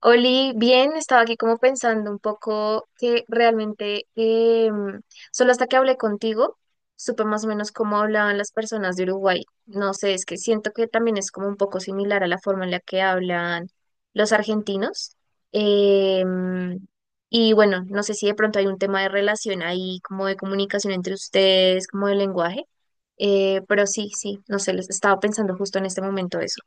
Oli, bien, estaba aquí como pensando un poco que realmente solo hasta que hablé contigo supe más o menos cómo hablaban las personas de Uruguay. No sé, es que siento que también es como un poco similar a la forma en la que hablan los argentinos. Em, y bueno, no sé si de pronto hay un tema de relación ahí, como de comunicación entre ustedes, como de lenguaje. Pero sí, sí, no sé, les estaba pensando justo en este momento eso.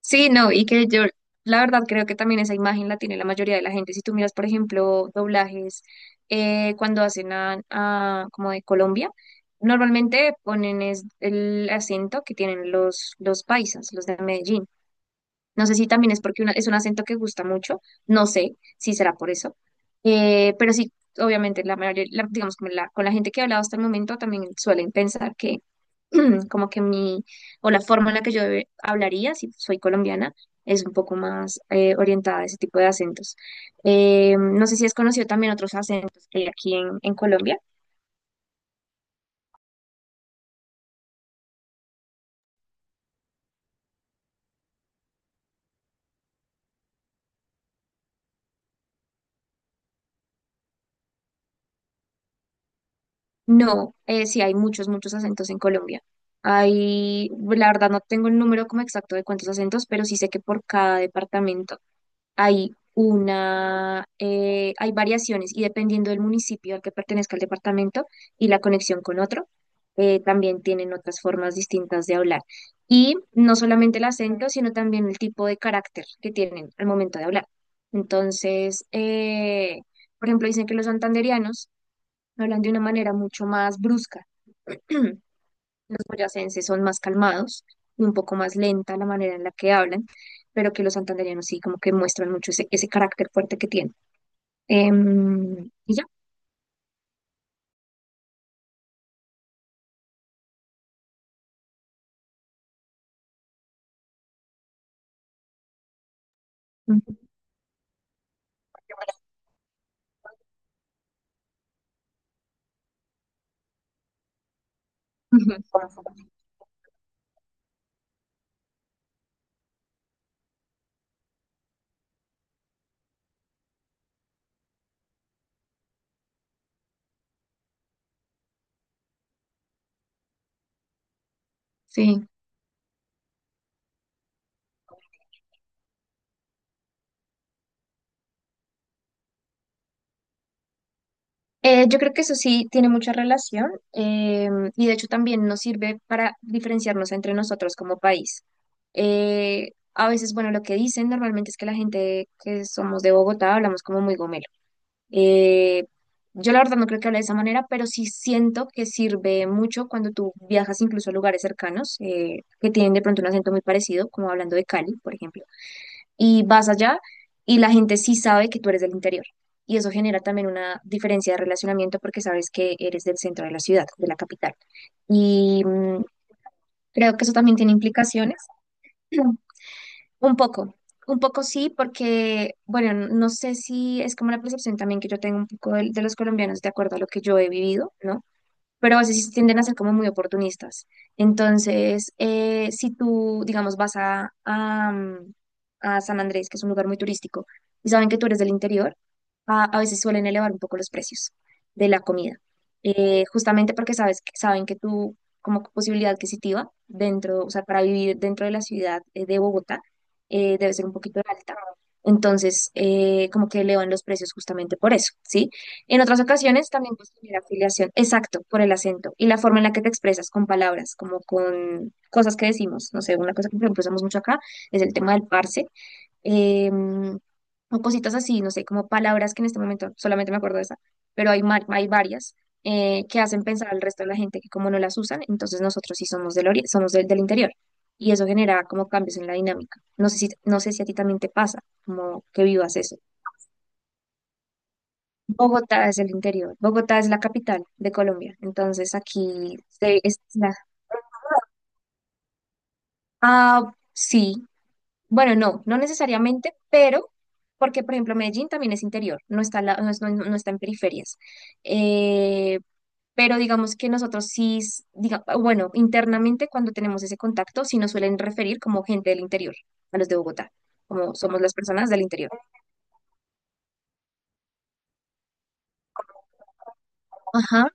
Sí, no, y que yo, la verdad, creo que también esa imagen la tiene la mayoría de la gente. Si tú miras, por ejemplo, doblajes, cuando hacen como de Colombia, normalmente ponen es el acento que tienen los paisas, los de Medellín. No sé si también es porque es un acento que gusta mucho, no sé si será por eso. Pero sí, obviamente, digamos, con la gente que he hablado hasta el momento también suelen pensar que como que mi, o la forma en la que yo hablaría, si soy colombiana, es un poco más orientada a ese tipo de acentos. No sé si has conocido también otros acentos que hay aquí en Colombia. No, sí, hay muchos acentos en Colombia. Hay, la verdad no tengo el número como exacto de cuántos acentos, pero sí sé que por cada departamento hay variaciones y dependiendo del municipio al que pertenezca el departamento y la conexión con otro, también tienen otras formas distintas de hablar. Y no solamente el acento, sino también el tipo de carácter que tienen al momento de hablar. Entonces, por ejemplo, dicen que los santandereanos hablan de una manera mucho más brusca. Los boyacenses son más calmados y un poco más lenta la manera en la que hablan, pero que los santandereanos sí como que muestran mucho ese, ese carácter fuerte que tienen. Y ya. Ujú. Ujú. Sí. Yo creo que eso sí tiene mucha relación y de hecho también nos sirve para diferenciarnos entre nosotros como país. A veces, bueno, lo que dicen normalmente es que la gente que somos de Bogotá hablamos como muy gomelo. Eh, yo la verdad no creo que hable de esa manera, pero sí siento que sirve mucho cuando tú viajas incluso a lugares cercanos que tienen de pronto un acento muy parecido, como hablando de Cali, por ejemplo, y vas allá y la gente sí sabe que tú eres del interior. Y eso genera también una diferencia de relacionamiento porque sabes que eres del centro de la ciudad, de la capital. Y mm, creo que eso también tiene implicaciones. Un poco, un poco sí, porque, bueno, no sé si es como la percepción también que yo tengo un poco de los colombianos de acuerdo a lo que yo he vivido, ¿no? Pero a veces sí tienden a ser como muy oportunistas. Entonces, si tú, digamos, vas a San Andrés, que es un lugar muy turístico, y saben que tú eres del interior, a veces suelen elevar un poco los precios de la comida, justamente porque saben que tú, como posibilidad adquisitiva, dentro, o sea, para vivir dentro de la ciudad de Bogotá, debe ser un poquito alta. Entonces, como que elevan los precios justamente por eso, ¿sí? En otras ocasiones también puedes tener afiliación, exacto, por el acento y la forma en la que te expresas con palabras, como con cosas que decimos. No sé, una cosa que por ejemplo, usamos mucho acá es el tema del parce, em, o cositas así, no sé, como palabras que en este momento solamente me acuerdo de esa, pero hay varias que hacen pensar al resto de la gente que como no las usan, entonces nosotros sí somos del interior. Y eso genera como cambios en la dinámica. No sé si a ti también te pasa, como que vivas eso. Bogotá es el interior. Bogotá es la capital de Colombia. Entonces aquí se es la- Ah, sí. Bueno, no, no necesariamente, pero porque, por ejemplo, Medellín también es interior, no está, la- no, es- no- no está en periferias. Eh, pero digamos que nosotros sí, bueno, internamente cuando tenemos ese contacto, sí nos suelen referir como gente del interior, a los de Bogotá, como somos las personas del interior. Ajá.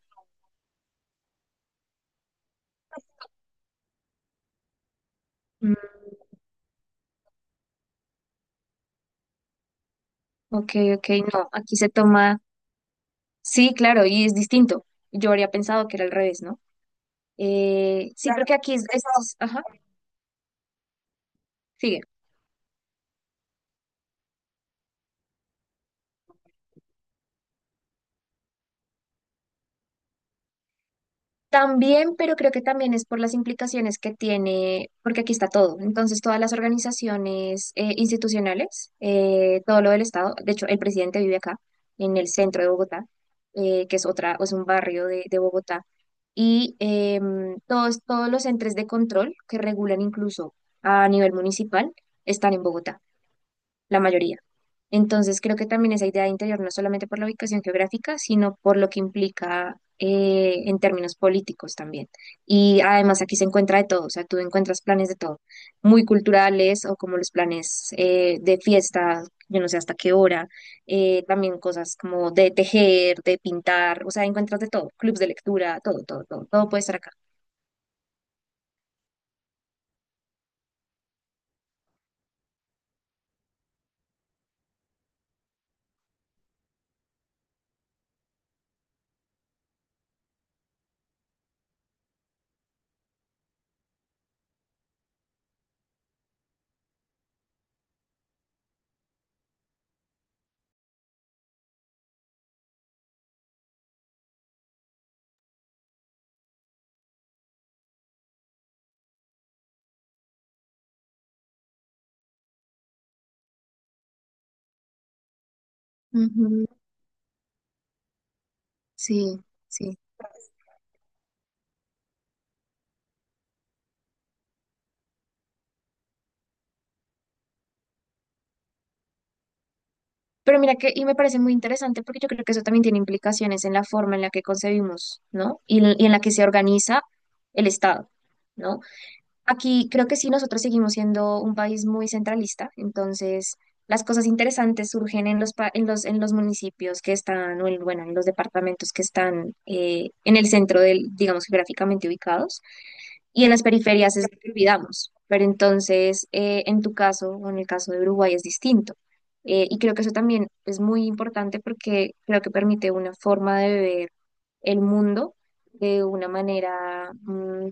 Mm. Ok, ok, no, aquí se toma. Sí, claro, y es distinto. Yo habría pensado que era al revés, ¿no? Sí, claro, porque aquí es- pero es- ajá, sigue. También, pero creo que también es por las implicaciones que tiene, porque aquí está todo. Entonces, todas las organizaciones institucionales, todo lo del Estado, de hecho, el presidente vive acá, en el centro de Bogotá, que es otra, es un barrio de Bogotá, y todos los entes de control que regulan incluso a nivel municipal están en Bogotá, la mayoría. Entonces, creo que también esa idea de interior, no solamente por la ubicación geográfica, sino por lo que implica en términos políticos también. Y además aquí se encuentra de todo, o sea, tú encuentras planes de todo, muy culturales o como los planes de fiesta, yo no sé hasta qué hora, también cosas como de tejer, de pintar, o sea, encuentras de todo, clubs de lectura, todo, todo, todo, todo puede estar acá. Ujú. Sí, sí. Pero mira que, y me parece muy interesante porque yo creo que eso también tiene implicaciones en la forma en la que concebimos, ¿no? Y en la que se organiza el Estado, ¿no? Aquí creo que sí, nosotros seguimos siendo un país muy centralista, entonces las cosas interesantes surgen en los municipios que están, o en, bueno, en los departamentos que están en el centro del, digamos, geográficamente ubicados. Y en las periferias es lo que olvidamos, pero entonces en tu caso o en el caso de Uruguay es distinto. Y creo que eso también es muy importante porque creo que permite una forma de ver el mundo de una manera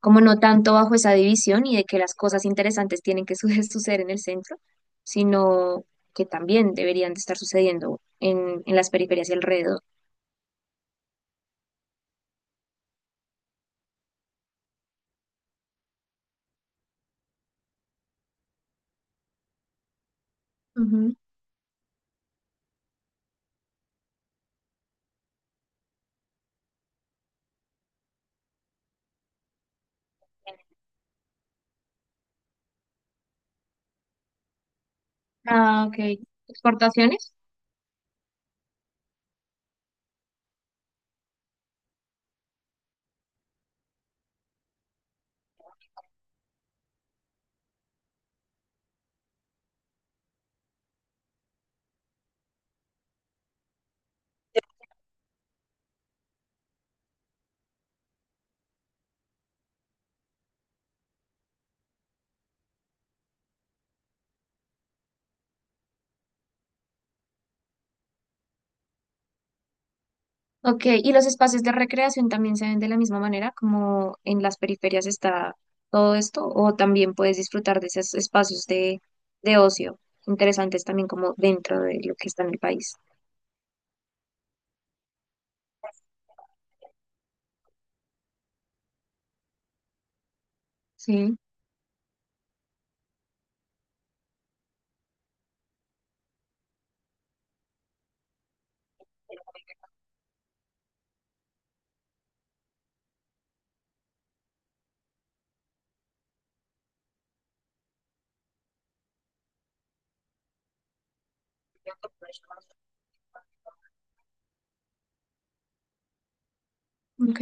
como no tanto bajo esa división y de que las cosas interesantes suceder en el centro, sino que también deberían de estar sucediendo en las periferias y alrededor. Ujú. Ah, ok. ¿Exportaciones? Ok, y los espacios de recreación también se ven de la misma manera, como en las periferias está todo esto, o también puedes disfrutar de esos espacios de ocio interesantes también como dentro de lo que está en el país. Sí, ok,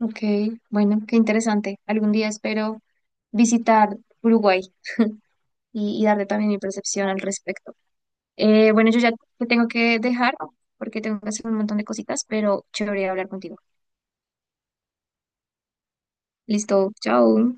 ok, bueno, qué interesante. Algún día espero visitar Uruguay y darte también mi percepción al respecto. Bueno, yo ya te tengo que dejar porque tengo que hacer un montón de cositas, pero chévere hablar contigo. Listo, chao.